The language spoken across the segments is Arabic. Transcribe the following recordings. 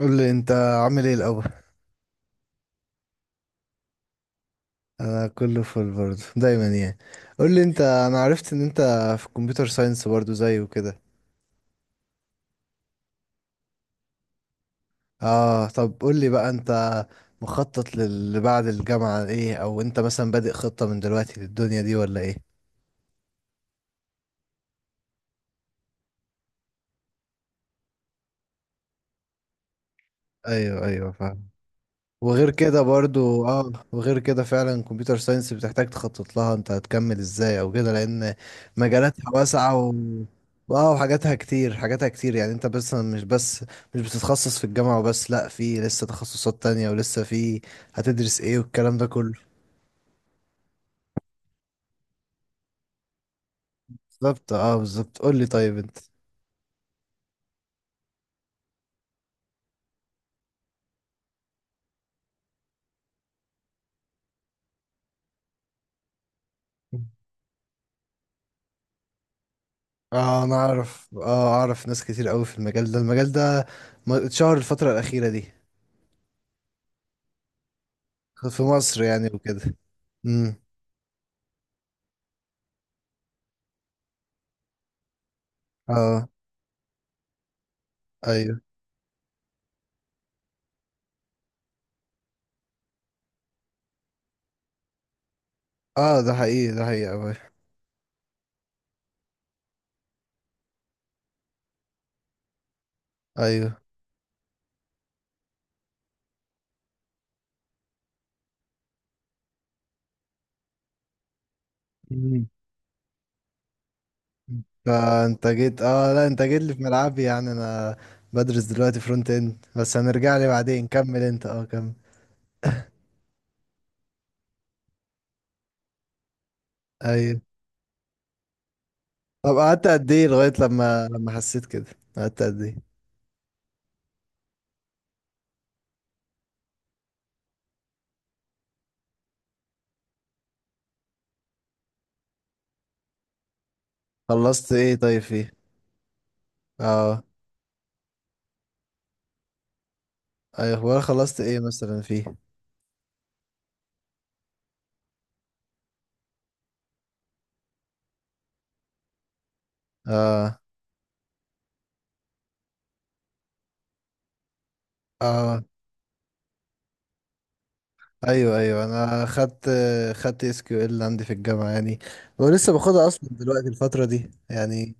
قول لي انت عامل ايه الاول. انا كله فل برضه دايما يعني. قول لي انت، انا عرفت ان انت في كمبيوتر ساينس برضه زي وكده. اه طب قول لي بقى انت مخطط للي بعد الجامعة ايه، او انت مثلا بادئ خطة من دلوقتي للدنيا دي ولا ايه؟ ايوه ايوه، فاهم. وغير كده برضو، وغير كده فعلا كمبيوتر ساينس بتحتاج تخطط لها انت هتكمل ازاي او كده، لان مجالاتها واسعة و... اه وحاجاتها كتير، حاجاتها كتير، يعني انت بس، مش بس مش بتتخصص في الجامعة وبس، لا في لسه تخصصات تانية ولسه في هتدرس ايه والكلام ده كله. بالظبط، بالظبط. قول لي طيب انت، اه انا اعرف، اعرف ناس كتير قوي في المجال ده، المجال ده اتشهر الفترة الأخيرة دي في مصر يعني وكده. امم اه. ايوه. اه، ده حقيقي، ده حقيقي أوي. ايوه. مم. فانت جيت، لا انت جيت لي في ملعبي، يعني انا بدرس دلوقتي فرونت اند، بس هنرجع لي بعدين، كمل انت، كمل. ايوه. طب قعدت قد ايه لغاية لما حسيت كده، قعدت قد ايه؟ خلصت ايه طيب، فيه اه ايوه اخبار خلصت ايه مثلا فيه اه اه ايوه، ايوه. انا خدت اس كيو ال عندي في الجامعة يعني، ولسه باخدها اصلا دلوقتي الفترة دي يعني.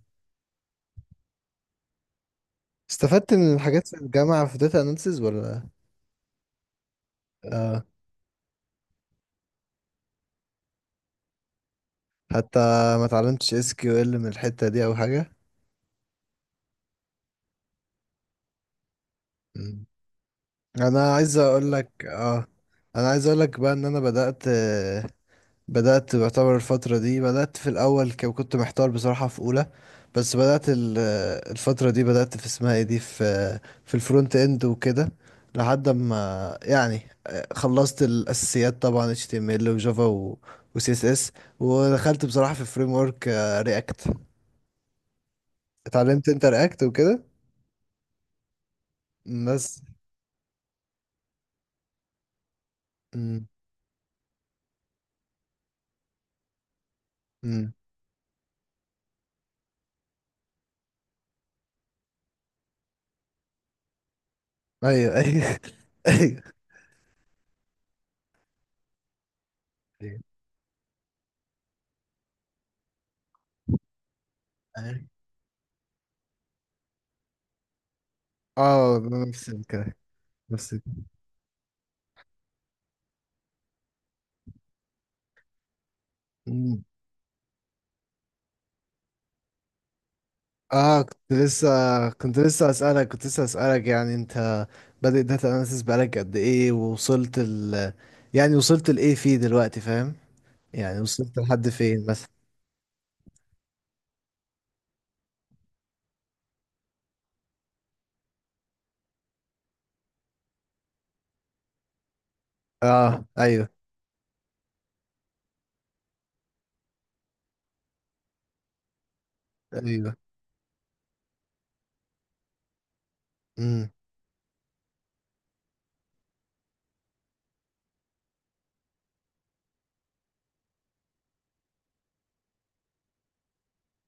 استفدت من الحاجات في الجامعة في داتا اناليسز ولا؟ آه. حتى ما اتعلمتش اس كيو ال من الحتة دي او حاجة؟ مم. انا عايز اقول لك، انا عايز اقول لك بقى ان انا بدأت، بدأت بعتبر الفترة دي، بدأت في الأول كنت محتار بصراحة في أولى، بس بدأت الفترة دي بدأت في اسمها ايه دي، في في الفرونت اند وكده، لحد ما يعني خلصت الأساسيات طبعا HTML وجافا و و CSS، ودخلت بصراحة في فريم ورك رياكت. اتعلمت انت رياكت وكده؟ بس. مم. مم. ايوه ايوه ايوه. أيوه. اه، نفس الكلام، نفس الكلام. اه كنت لسه كنت لسه اسالك يعني انت بادئ داتا اناليسيس بقالك قد ايه، ووصلت ال... يعني وصلت لايه فيه دلوقتي، فاهم؟ يعني وصلت لحد فين مثلا؟ اه ايوه ايوه. امم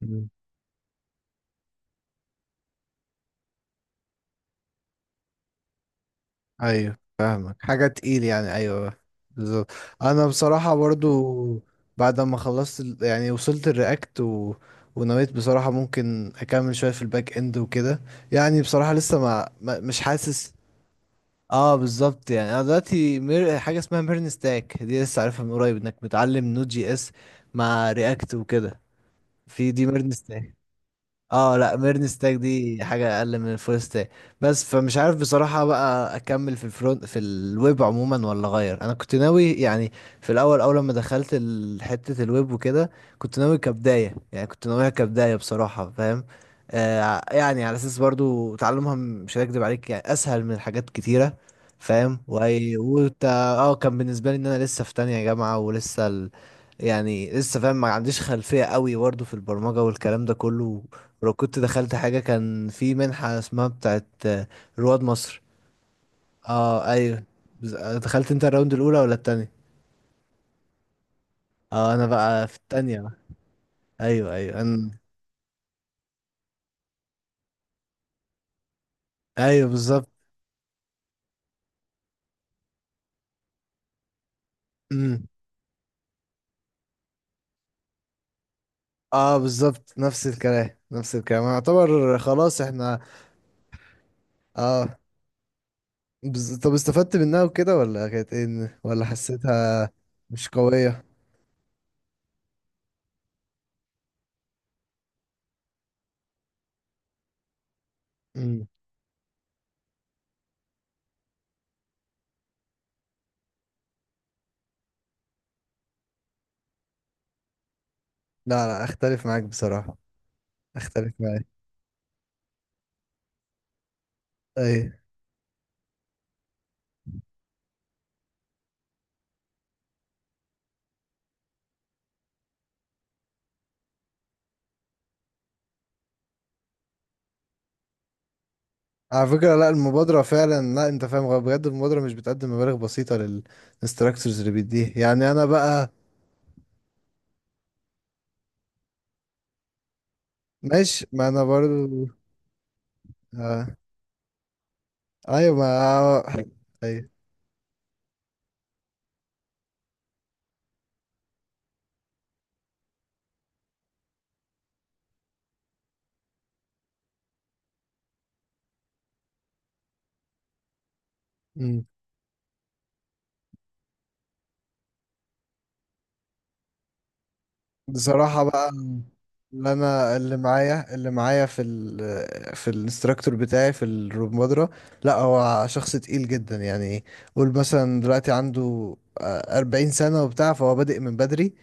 أمم. ايوه، فاهمك، حاجه تقيل يعني. ايوه بالظبط. انا بصراحه برضو بعد ما خلصت يعني وصلت الرياكت و... ونويت بصراحه ممكن اكمل شويه في الباك اند وكده. يعني بصراحه لسه مش حاسس. اه بالظبط. يعني انا دلوقتي حاجه اسمها ميرن ستاك دي لسه عارفها من قريب، انك بتعلم نود جي اس مع رياكت وكده، في دي ميرن ستاك. اه لا، ميرن ستاك دي حاجة اقل من الفول ستاك بس. فمش عارف بصراحة بقى اكمل في الفرونت، في الويب عموما، ولا اغير. انا كنت ناوي يعني في الاول، اول لما دخلت حتة الويب وكده، كنت ناوي كبداية، يعني كنت ناويها كبداية بصراحة، فاهم؟ آه، يعني على اساس برضو تعلمها مش هكدب عليك يعني، اسهل من حاجات كتيرة، فاهم؟ وأي- وت... اه كان بالنسبة لي ان انا لسه في تانية جامعة، ولسه ال... يعني لسه، فاهم، ما عنديش خلفية قوي برضه في البرمجة والكلام ده كله. ولو كنت دخلت حاجة، كان في منحة اسمها بتاعت رواد مصر. اه ايوه. دخلت انت الراوند الاولى ولا التانية؟ اه انا بقى في التانية بقى. ايوه ايوه. انا ايوه بالظبط. امم اه بالظبط، نفس الكلام، نفس الكلام، يعتبر خلاص احنا. اه طب استفدت منها وكده ولا كانت ايه ولا حسيتها مش قوية؟ امم. لا لا، اختلف معاك بصراحة، اختلف معاك. ايوه. على فكرة لا، المبادرة فعلا لا، انت فاهم غلط. بجد المبادرة مش بتقدم مبالغ بسيطة للانستراكتورز اللي بيديها يعني. انا بقى ماشي، ما انا برضو. آه. ايوه ما، آه، ايوه. مم. بصراحة بقى، اللي انا، اللي معايا في ال في الانستراكتور بتاعي في الروبمدرة، لا هو شخص تقيل جدا يعني. قول مثلا دلوقتي عنده آه، 40 سنة وبتاع، فهو بادئ من بدري،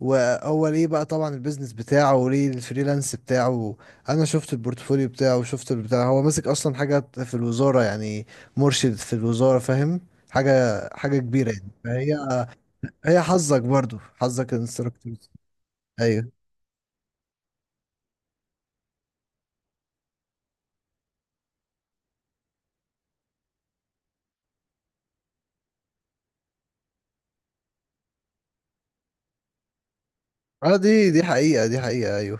وهو ليه بقى طبعا البيزنس بتاعه وليه الفريلانس بتاعه. انا شفت البورتفوليو بتاعه، وشفت البتاع، هو ماسك اصلا حاجة في الوزارة يعني، مرشد في الوزارة، فاهم؟ حاجة، حاجة كبيرة يعني، فهي، هي حظك برضو، حظك الانستراكتور. ايوه. اه دي دي، حقيقة، دي حقيقة ايوه.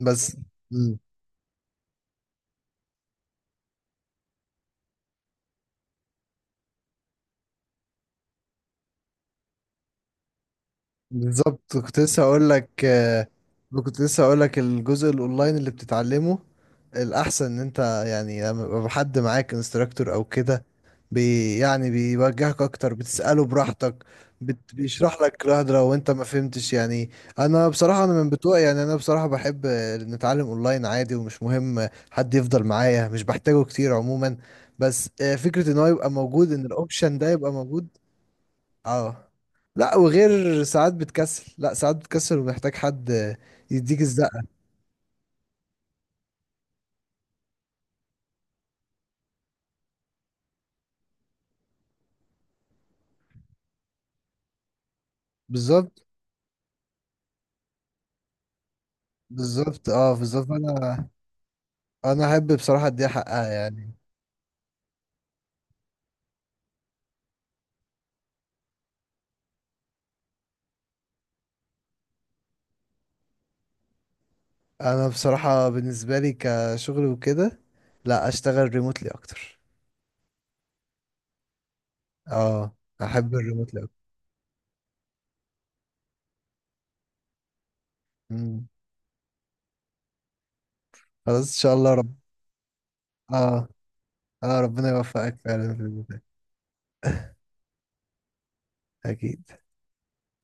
بس مم. بالظبط، كنت لسه هقول لك آه، كنت لسه هقول لك، الجزء الاونلاين اللي بتتعلمه، الاحسن ان انت يعني لما يبقى حد معاك انستراكتور او كده، يعني بيوجهك اكتر، بتساله براحتك، بيشرح لك لوحده لو انت ما فهمتش يعني. انا بصراحه انا من بتوع، يعني انا بصراحه بحب آه، نتعلم اونلاين عادي، ومش مهم حد يفضل معايا، مش بحتاجه كتير عموما. بس آه، فكره ان هو يبقى موجود، ان الاوبشن ده يبقى موجود. اه لا، وغير ساعات بتكسل، لا ساعات بتكسل ومحتاج حد يديك الزقة. بالظبط. بالظبط، بالظبط. انا احب بصراحة اديها حقها يعني. انا بصراحة بالنسبة لي كشغل وكده، لا، اشتغل ريموتلي اكتر. اه، احب الريموتلي اكتر. مم. خلاص ان شاء الله رب. اه اه، ربنا يوفقك فعلا في الموضوع ده. اكيد.